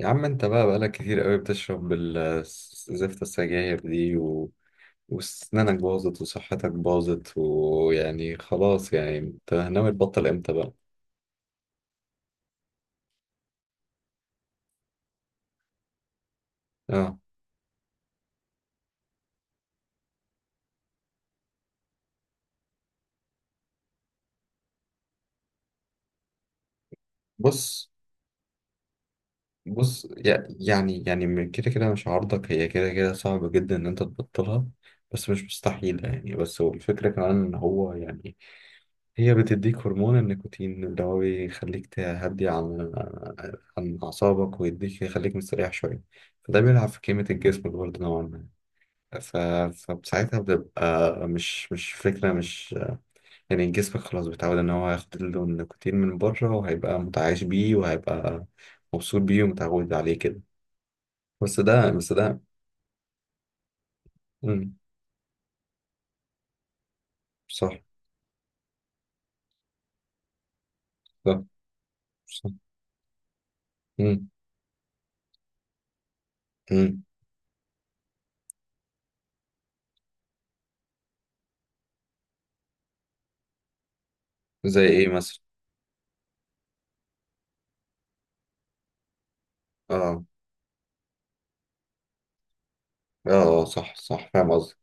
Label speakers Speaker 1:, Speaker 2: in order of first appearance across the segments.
Speaker 1: يا عم انت بقى بقالك كتير قوي بتشرب زفت السجاير دي وسنانك باظت وصحتك باظت ويعني خلاص يعني انت ناوي تبطل امتى بقى. اه. بص بص يعني من كده كده مش عارضك، هي كده كده صعب جدا ان انت تبطلها، بس مش مستحيلة يعني. بس هو الفكرة كمان ان هو يعني هي بتديك هرمون النيكوتين اللي هو بيخليك تهدي عن أعصابك ويديك يخليك مستريح شوية، فده بيلعب في كيمياء الجسم برضه نوعا ما. ف... فساعتها بتبقى مش فكرة، مش يعني جسمك خلاص بيتعود إن هو ياخد له النيكوتين من بره، وهيبقى متعايش بيه، وهيبقى مبسوط بيه ومتعود عليه كده. بس ده مم. صح صح صح. مم. مم. زي إيه مثلا؟ آه آه. آه، صح صح، فاهم قصدي.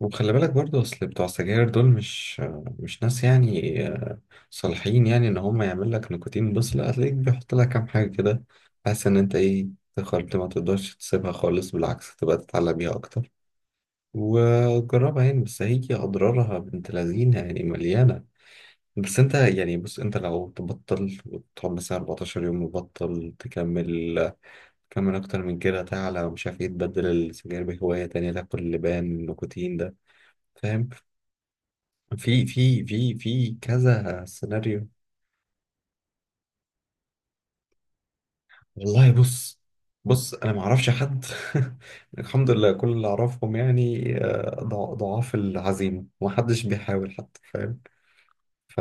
Speaker 1: وخلي بالك برضو اصل بتوع السجاير دول مش مش ناس يعني آه، صالحين يعني ان هم يعمل لك نيكوتين بس، لا، هتلاقيك بيحط لك كام حاجه كده بحيث ان انت ايه، تخربت، ما تقدرش تسيبها خالص، بالعكس تبقى تتعلق بيها اكتر. وجربها يعني، بس هي اضرارها بنت لذينه يعني، مليانه. بس انت يعني بص، انت لو تبطل وتقعد مثلا 14 يوم مبطل، تكمل تكمل اكتر من كده، تعلى، ومش عارف ايه، تبدل السجاير بهوايه تانية، تاكل لبان نيكوتين ده، فاهم؟ في كذا سيناريو. والله بص، بص انا ما اعرفش حد. الحمد لله كل اللي اعرفهم يعني آه، ضعاف العزيمه، وما حدش بيحاول حتى، فاهم؟ ف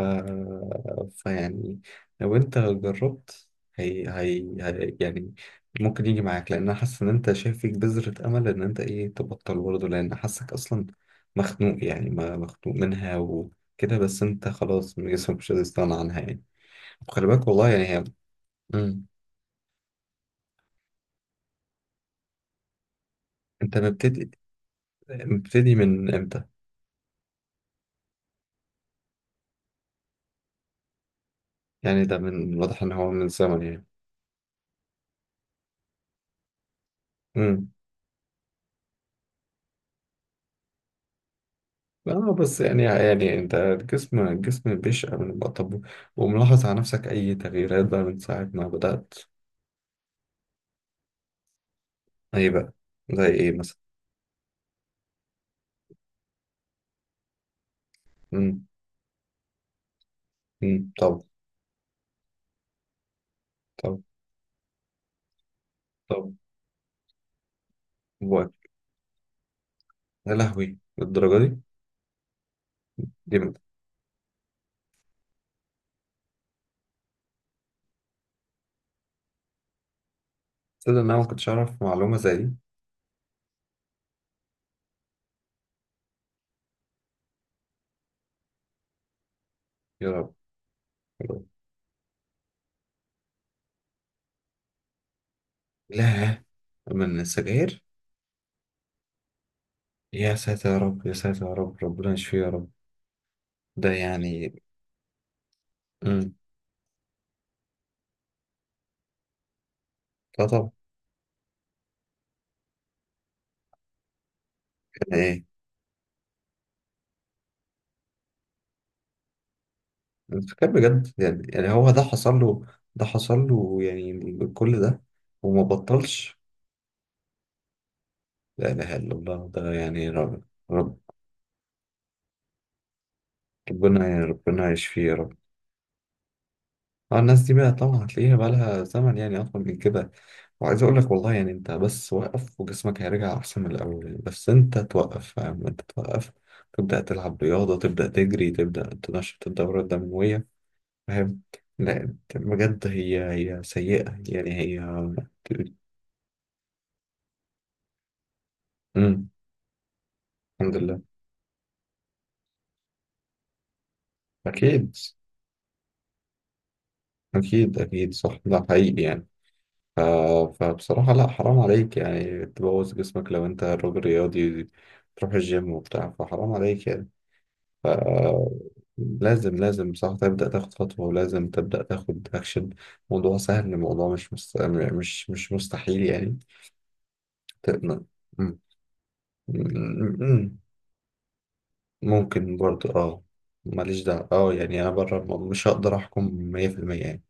Speaker 1: فيعني لو انت جربت، هي يعني ممكن يجي معاك، لان انا حاسس ان انت شايف فيك بذرة امل ان انت ايه تبطل برضه، لان حاسك اصلا مخنوق يعني، ما مخنوق منها وكده. بس انت خلاص جسمك مش قادر يستغنى عنها يعني، خلي بالك والله يعني هي. مم. انت مبتدي، مبتدي من امتى؟ يعني ده من واضح ان هو من زمن يعني. امم. اه، بس يعني يعني انت الجسم الجسم بيشقى من الوقت. طب، وملاحظ على نفسك اي تغييرات بقى من ساعة ما بدأت؟ ايه بقى، زي ايه مثلا؟ امم. امم. طب. طب. طب. وقت. يا لهوي للدرجة دي؟ دي من- تصدق ان انا ما كنتش اعرف معلومة زي دي؟ يا رب. يا رب. لا، من السجاير؟ يا ساتر يا رب، يا ساتر يا رب، ربنا يشفيه يا رب. ده يعني. امم. اه طبعا. يعني ايه؟ انت فاكر بجد يعني يعني هو ده حصل له؟ ده حصل له يعني كل ده وما بطلش؟ لا اله الا الله، ده يعني رب، رب، ربنا يعني ربنا يشفيه يا رب. اه الناس دي بقى طبعا هتلاقيها بقى لها زمن يعني اطول من كده. وعايز اقول لك والله يعني انت بس وقف، وجسمك هيرجع احسن من الاول، بس انت توقف، فاهم؟ انت توقف، تبدا تلعب رياضه، تبدا تجري، تبدا تنشط الدوره الدمويه، فاهم؟ لا بجد هي هي سيئة يعني هي. مم. الحمد لله. أكيد. أكيد أكيد صح، ده حقيقي يعني. ف... فبصراحة لا، حرام عليك يعني تبوظ جسمك، لو أنت راجل رياضي تروح الجيم وبتاع، فحرام عليك يعني. ف... لازم لازم صح تبدأ تاخد خطوة، ولازم تبدأ تاخد أكشن. موضوع سهل، الموضوع مش مستحيل يعني. ت... مم. مم. ممكن برضو اه. ماليش دعوة، اه يعني انا بره الموضوع مش هقدر احكم 100% يعني.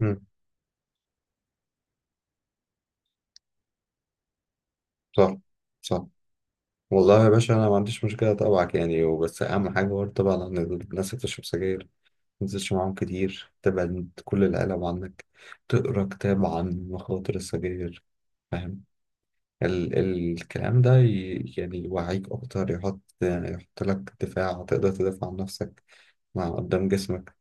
Speaker 1: مم. صح صح. والله يا باشا انا ما عنديش مشكلة اتابعك يعني، وبس اهم حاجة برضه طبعا ان الناس اللي بتشرب سجاير ما تنزلش معاهم كتير، تبعد كل العالم عنك، تقرا كتاب عن مخاطر السجاير، فاهم؟ الكلام ده يعني يوعيك اكتر، يحط لك دفاع تقدر تدافع عن نفسك مع قدام جسمك.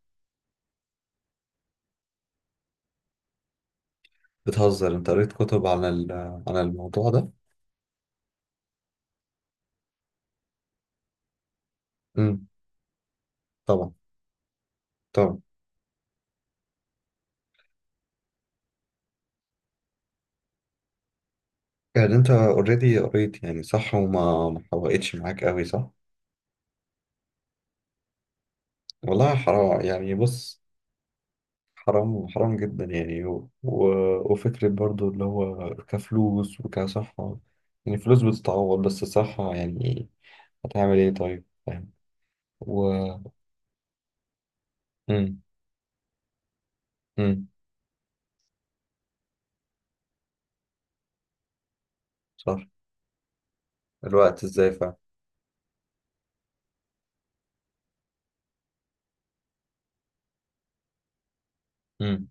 Speaker 1: بتهزر؟ انت قريت كتب عن عن الموضوع ده؟ امم. طبعا. طبعا. يعني انت اوريدي قريت يعني صح، وما ما حوقتش معاك قوي صح. والله حرام يعني، بص، حرام حرام جدا يعني. وفكرة برضو اللي هو كفلوس وكصحة، يعني فلوس بتتعوض بس الصحة يعني هتعمل ايه طيب، فاهم؟ و. امم. امم. صح. الوقت ازاي فعلا. امم.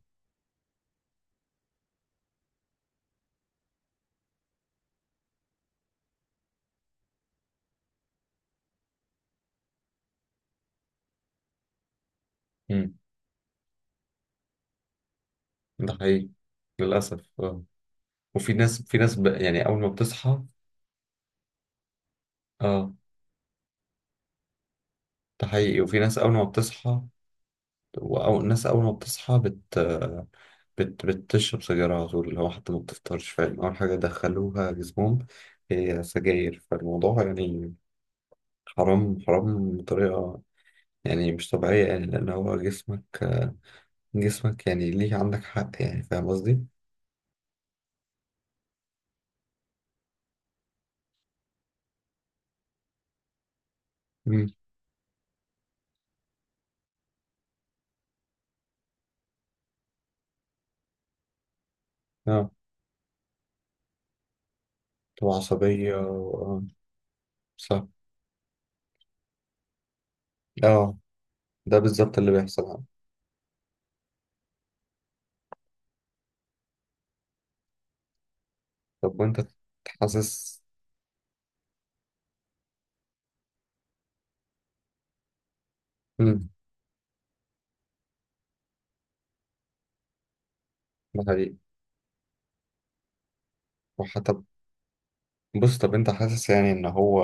Speaker 1: امم. ده حقيقي، للأسف اه. وفي ناس، في ناس يعني أول ما بتصحى. اه. ده حقيقي، وفي ناس أول ما بتصحى. وأو الناس أول ما بتصحى بتشرب سجاير على طول، اللي هو حتى ما بتفطرش، فاهم؟ أول حاجة دخلوها جسمهم هي سجاير، فالموضوع يعني حرام، حرام بطريقة يعني مش طبيعية يعني، لأن هو جسمك، جسمك يعني ليه، عندك حق يعني، فاهم قصدي؟ مم. اه، تبقى عصبية آه، صح. اه، ده بالظبط اللي بيحصل. طب، وأنت حاسس. مم. ده حقيقي. وحتى، بص طب أنت حاسس يعني إن هو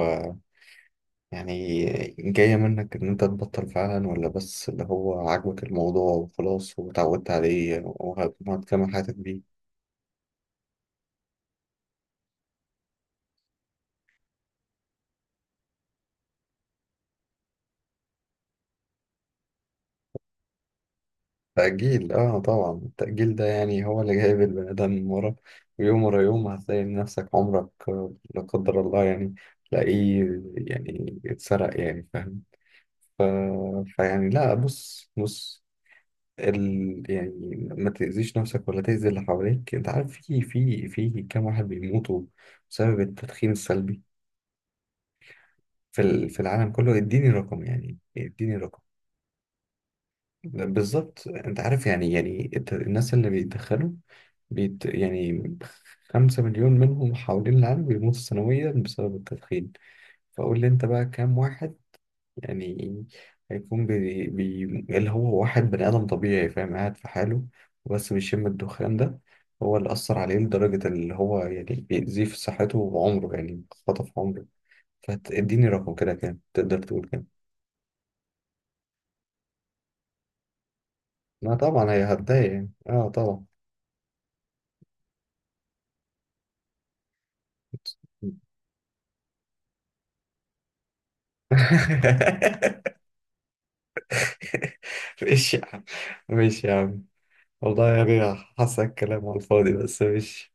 Speaker 1: يعني جاية منك إن أنت تبطل فعلا، ولا بس اللي هو عاجبك الموضوع وخلاص واتعودت عليه وهتكمل حياتك بيه؟ تأجيل؟ آه طبعا التأجيل ده يعني هو اللي جايب البني آدم ورا، ويوم ورا يوم هتلاقي نفسك عمرك آه، لا قدر الله يعني، تلاقيه يعني اتسرق يعني، فاهم؟ ف... فيعني لا، بص بص يعني ما تأذيش نفسك ولا تأذي اللي حواليك. أنت عارف في كام واحد بيموتوا بسبب التدخين السلبي في في العالم كله؟ اديني رقم يعني، اديني رقم. بالظبط، انت عارف يعني يعني الناس اللي بيتدخلوا، بيت يعني. 5 مليون منهم حوالين العالم بيموتوا سنويا بسبب التدخين. فقول لي انت بقى كام واحد يعني هيكون بي، اللي هو واحد بني آدم طبيعي فاهم، قاعد في حاله، وبس بيشم الدخان ده، هو اللي أثر عليه لدرجة اللي هو يعني بيأذيه في صحته وعمره، يعني خطف عمره. فاديني رقم كده، كام تقدر تقول كام؟ لا طبعا هي هتضايق يعني، اه طبعا. ماشي يا عم، ماشي يا عم، والله يعني حاسك كلام على الفاضي، بس ماشي.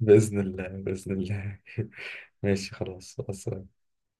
Speaker 1: بإذن الله، بإذن الله. ماشي، خلاص خلاص.